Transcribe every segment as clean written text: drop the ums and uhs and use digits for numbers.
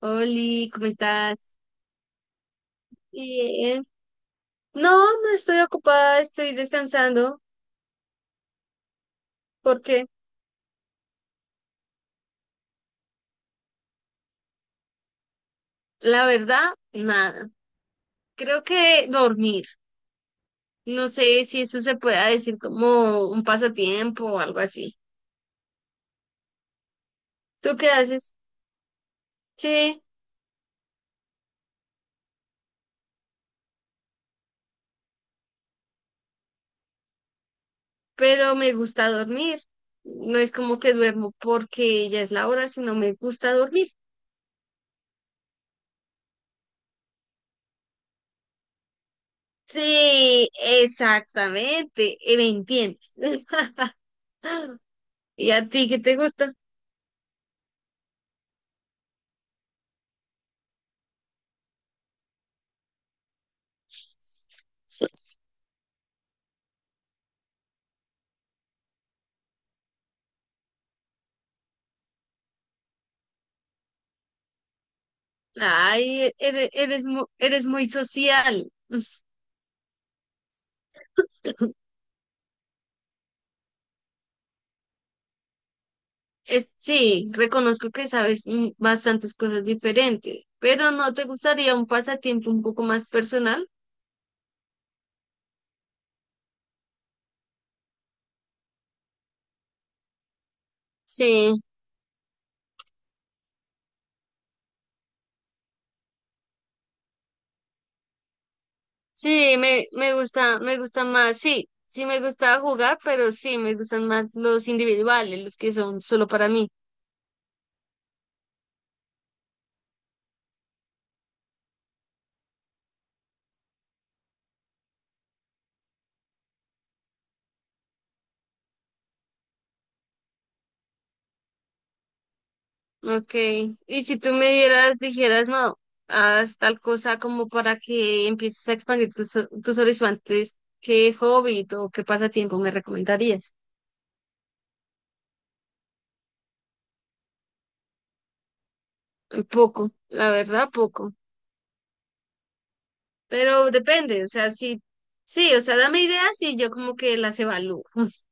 Oli, ¿cómo estás? Bien. No, no estoy ocupada, estoy descansando porque la verdad, nada. Creo que dormir. No sé si eso se pueda decir como un pasatiempo o algo así. ¿Tú qué haces? Sí, pero me gusta dormir. No es como que duermo porque ya es la hora, sino me gusta dormir. Sí, exactamente. ¿Me entiendes? ¿Y a ti qué te gusta? Ay, eres muy social. Es, sí, reconozco que sabes mm, bastantes cosas diferentes, pero ¿no te gustaría un pasatiempo un poco más personal? Sí, sí, me gusta más, sí, sí me gusta jugar, pero sí, me gustan más los individuales, los que son solo para mí. Okay. Y si tú me dieras, dijeras, no, haz tal cosa como para que empieces a expandir tus, tus horizontes, ¿qué hobby o qué pasatiempo me recomendarías? Poco, la verdad, poco. Pero depende, o sea, sí, sí, o sea, dame ideas y yo como que las evalúo.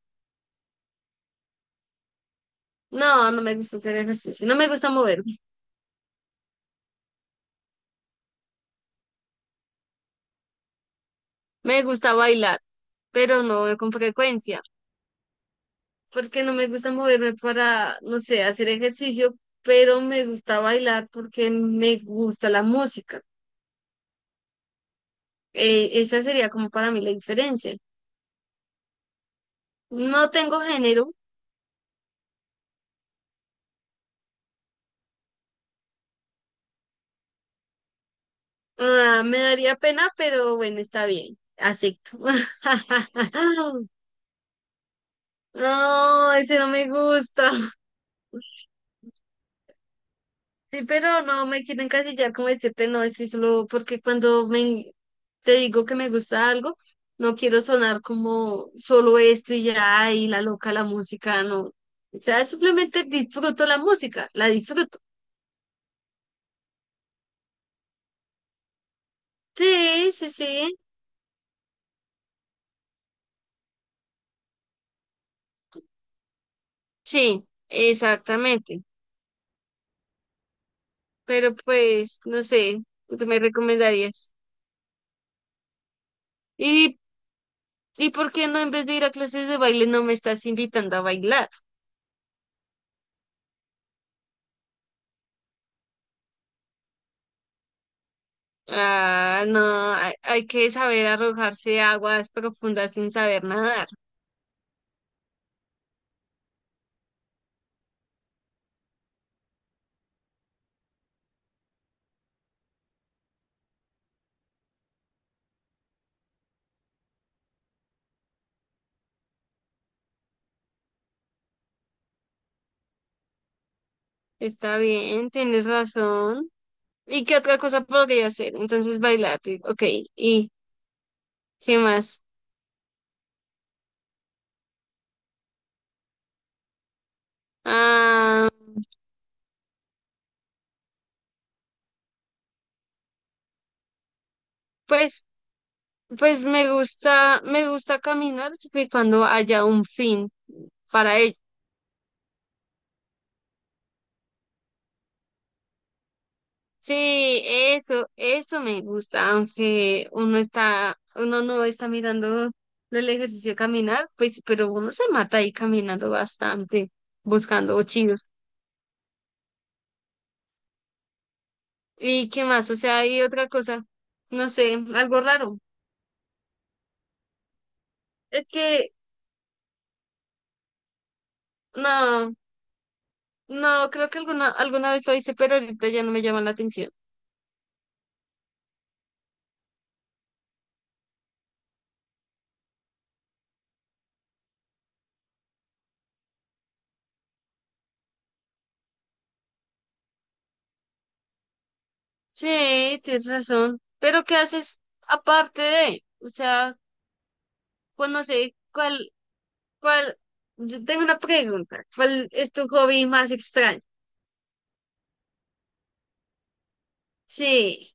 No, no me gusta hacer ejercicio, no me gusta moverme, me gusta bailar, pero no con frecuencia, porque no me gusta moverme para, no sé, hacer ejercicio, pero me gusta bailar porque me gusta la música. Esa sería como para mí la diferencia. No tengo género, ah, me daría pena, pero bueno, está bien, acepto. No, ese no me gusta. Sí, pero no me quiero encasillar como decirte no, es que solo porque cuando me, te digo que me gusta algo, no quiero sonar como solo esto y ya, y la loca la música, no. O sea, simplemente disfruto la música, la disfruto. Sí, sí, sí, sí, exactamente. Pero pues, no sé, ¿tú me recomendarías? ¿Y, y por qué no, en vez de ir a clases de baile, no me estás invitando a bailar? Ah, no, hay que saber arrojarse a aguas profundas sin saber nadar. Está bien, tienes razón. ¿Y qué otra cosa podría hacer? Entonces bailar, y- ok. ¿Y qué más? Ah, pues, pues me gusta caminar siempre y cuando haya un fin para ello. Sí, eso me gusta, aunque uno está, uno no está mirando el ejercicio de caminar, pues, pero uno se mata ahí caminando bastante, buscando chidos. ¿Y qué más? O sea, hay otra cosa, no sé, algo raro. Es que no, no, creo que alguna, alguna vez lo hice, pero ahorita ya no me llama la atención. Sí, tienes razón. Pero ¿qué haces aparte de? O sea, pues no sé, ¿cuál? ¿Cuál? Yo tengo una pregunta. ¿Cuál es tu hobby más extraño? Sí.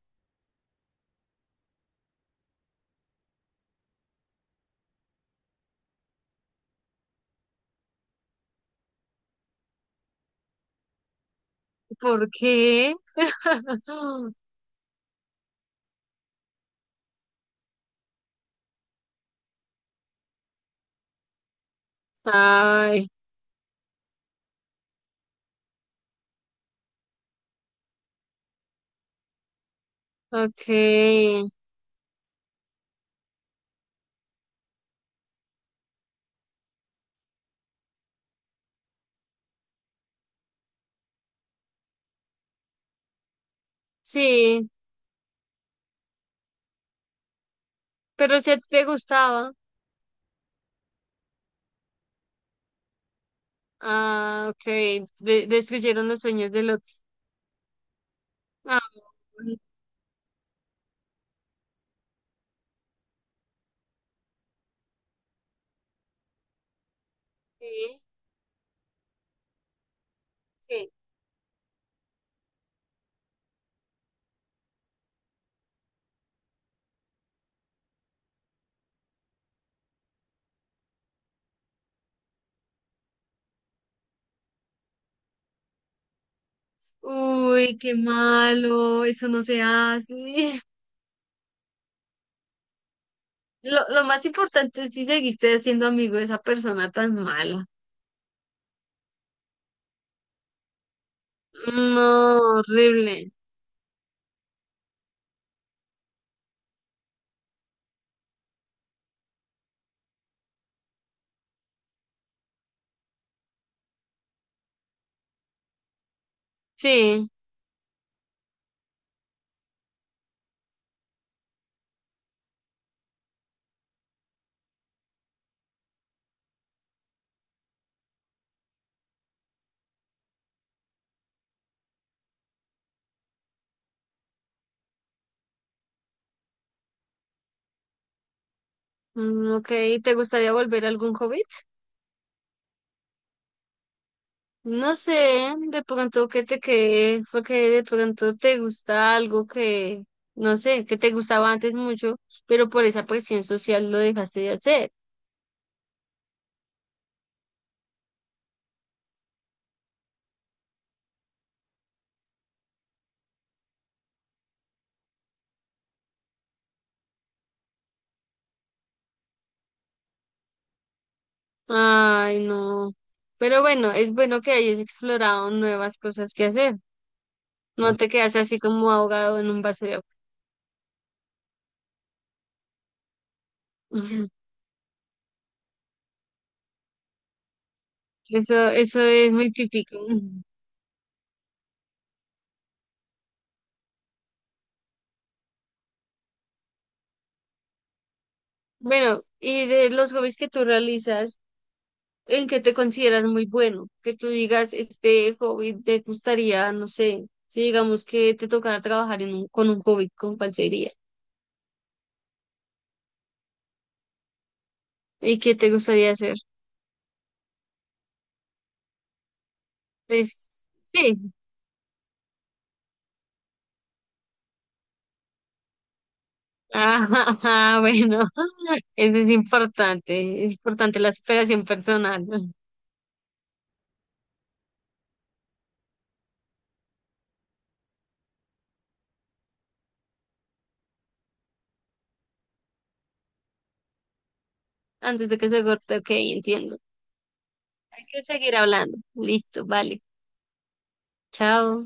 ¿Por qué? Ay, ok. Sí, pero si a ti te gustaba. Ah, ok. De destruyeron los sueños del otro. Ah, sí, sí. Uy, qué malo. Eso no se hace. Lo más importante es si seguiste siendo amigo de esa persona tan mala. No, horrible. Sí. Mm, ok, ¿te gustaría volver a algún hobby? No sé, de pronto que te quede, porque de pronto te gusta algo que, no sé, que te gustaba antes mucho, pero por esa presión social lo dejaste de hacer. Ay, no. Pero bueno, es bueno que hayas explorado nuevas cosas que hacer. No te quedas así como ahogado en un vaso de agua. Eso es muy típico. Bueno, y de los hobbies que tú realizas, en qué te consideras muy bueno, que tú digas, este hobby te gustaría, no sé, si digamos que te tocara trabajar en un, con un hobby, con pancería, y qué te gustaría hacer. Pues sí, ah, bueno, eso es importante la superación personal, ¿no? Antes de que se corte, ok, entiendo. Hay que seguir hablando, listo, vale, chao.